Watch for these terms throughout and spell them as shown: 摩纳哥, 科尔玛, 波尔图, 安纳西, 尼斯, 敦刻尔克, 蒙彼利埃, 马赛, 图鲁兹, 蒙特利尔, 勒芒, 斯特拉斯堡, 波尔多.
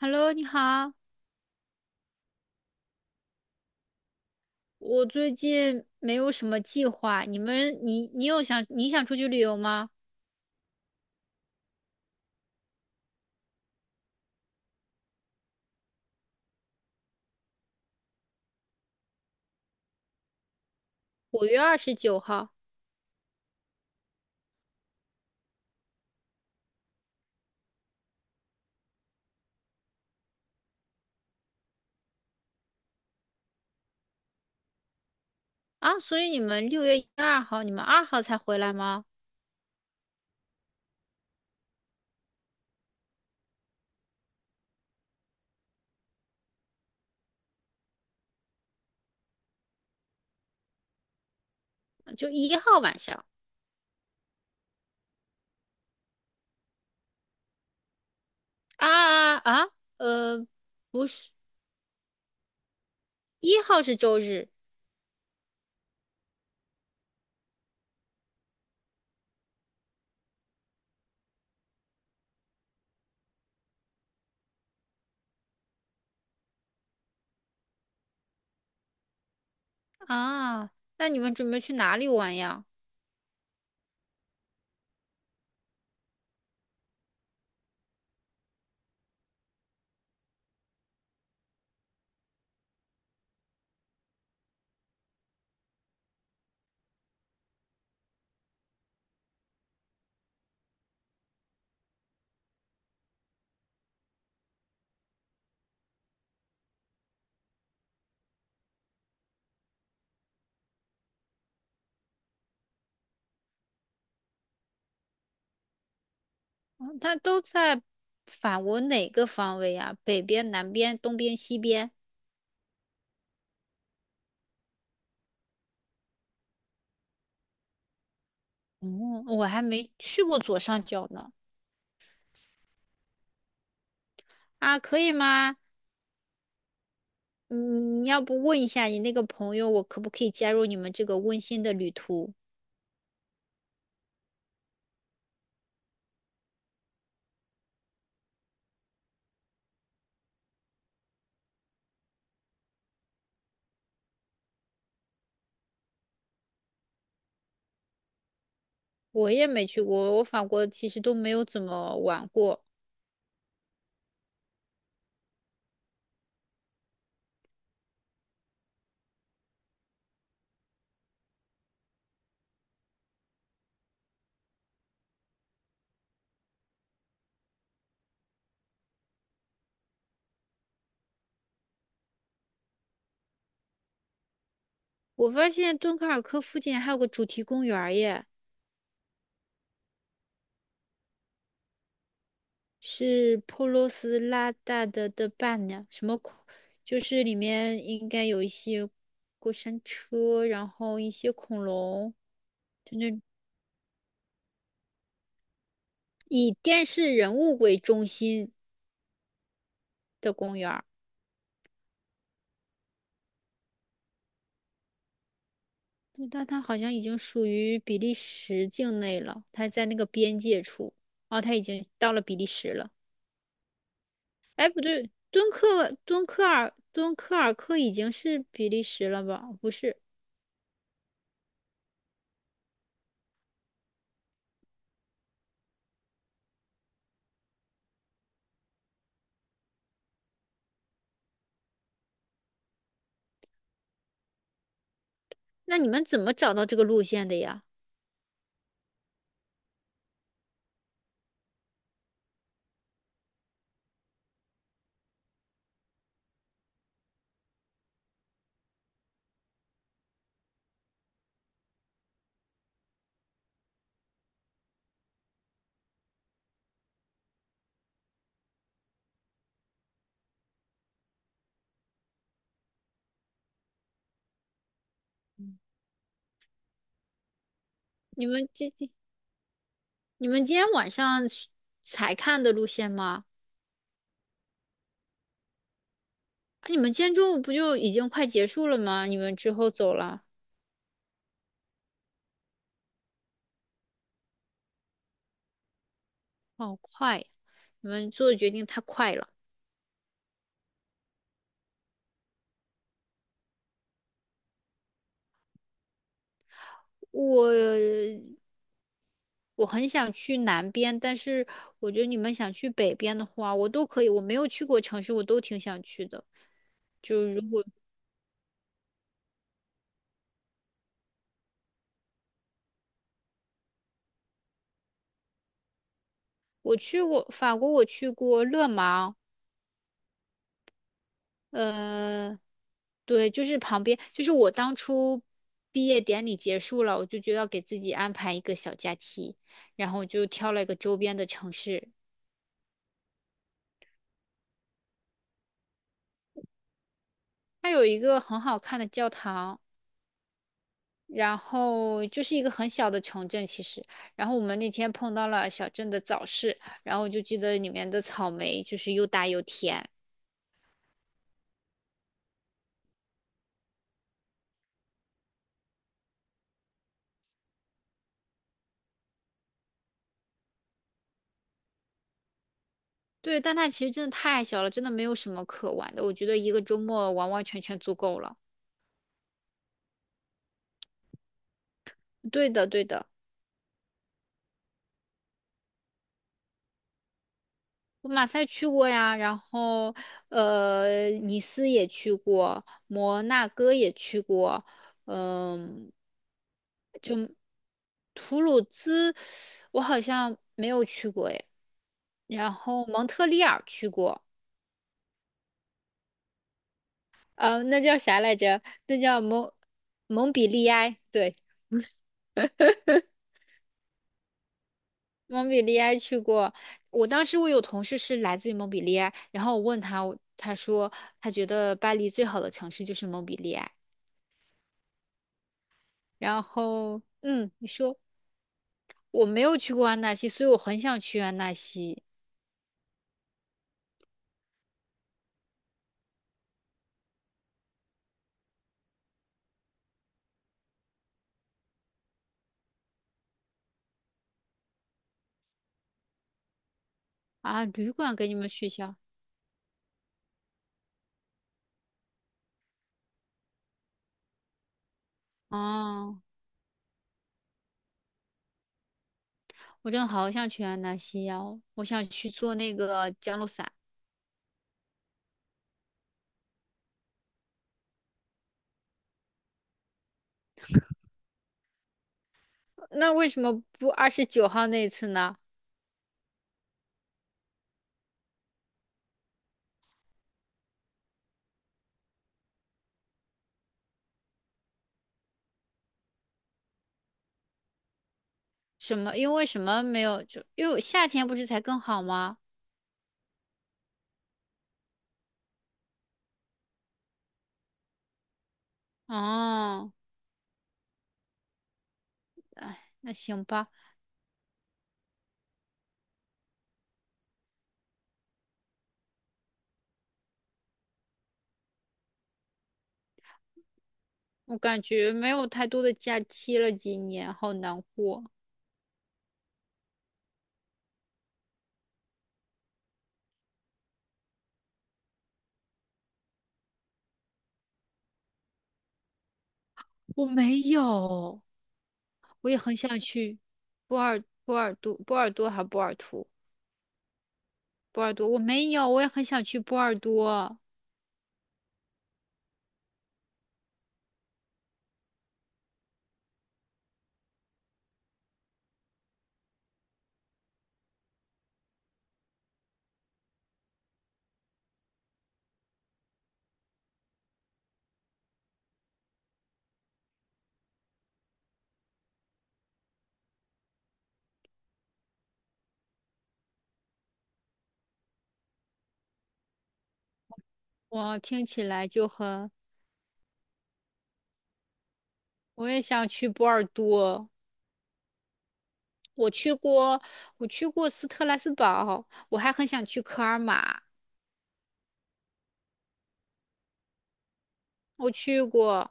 Hello，你好，我最近没有什么计划，你你想出去旅游吗？5月29号。啊，所以你们6月2号，你们二号才回来吗？就一号晚上。啊啊啊，呃，不是，一号是周日。啊，那你们准备去哪里玩呀？嗯，它都在法国哪个方位呀？北边、南边、东边、西边？哦，我还没去过左上角呢。啊，可以吗？嗯，你要不问一下你那个朋友，我可不可以加入你们这个温馨的旅途？我也没去过，我法国其实都没有怎么玩过。我发现敦刻尔克附近还有个主题公园儿耶，是普罗斯拉大的伴娘，什么恐，就是里面应该有一些过山车，然后一些恐龙，就那以电视人物为中心的公园。对，但它好像已经属于比利时境内了，它在那个边界处。哦，它已经到了比利时了。哎，不对，敦刻尔克已经是比利时了吧？不是。那你们怎么找到这个路线的呀？你们今、这，你们今天晚上是才看的路线吗？啊，你们今天中午不就已经快结束了吗？你们之后走了。好快呀！你们做的决定太快了。我我很想去南边，但是我觉得你们想去北边的话，我都可以。我没有去过城市，我都挺想去的。就如果我去过法国，我去过勒芒。呃，对，就是旁边，就是我当初毕业典礼结束了，我就觉得要给自己安排一个小假期，然后我就挑了一个周边的城市。它有一个很好看的教堂。然后就是一个很小的城镇，其实。然后我们那天碰到了小镇的早市，然后我就记得里面的草莓就是又大又甜。对，但它其实真的太小了，真的没有什么可玩的。我觉得一个周末完完全全足够了。对的，对的。我马赛去过呀，然后呃，尼斯也去过，摩纳哥也去过。嗯、图鲁兹我好像没有去过诶，然后蒙特利尔去过。呃，那叫啥来着？那叫蒙彼利埃，对。蒙彼利埃去过。我当时我有同事是来自于蒙彼利埃，然后我问他，他说他觉得巴黎最好的城市就是蒙彼利埃。然后，嗯，你说我没有去过安纳西，所以我很想去安纳西。啊，旅馆给你们取消。哦，我真的好想去安纳西呀、我想去做那个降落伞。那为什么不二十九号那次呢？什么？因为什么没有？就因为夏天不是才更好吗？哦，哎，那行吧。我感觉没有太多的假期了，今年好难过。我没有，我也很想去波尔多，波尔多还波尔图。波尔多，我没有，我也很想去波尔多。我听起来就很，我也想去波尔多。我去过，我去过斯特拉斯堡，我还很想去科尔玛。我去过。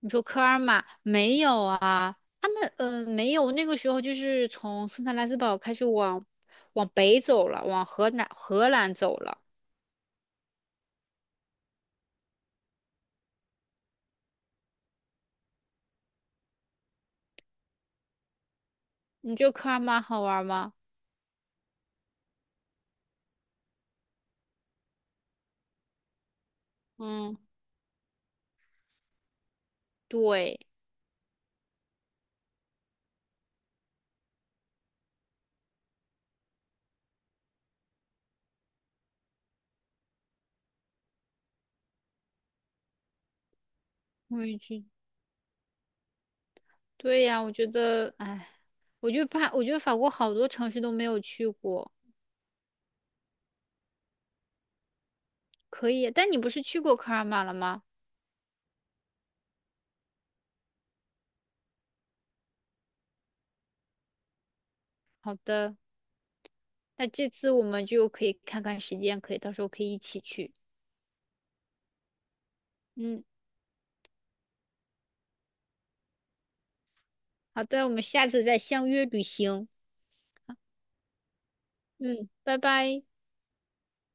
你说科尔玛没有啊？他们呃没有，那个时候就是从圣特莱斯堡开始往北走了，往荷兰走了。你觉得科尔玛好玩吗？嗯，对，我也觉对呀，我觉得，哎，我就怕，我觉得法国好多城市都没有去过。可以。但你不是去过科尔玛了吗？好的，那这次我们就可以看看时间，可以到时候可以一起去。嗯，好的，我们下次再相约旅行。嗯，拜拜。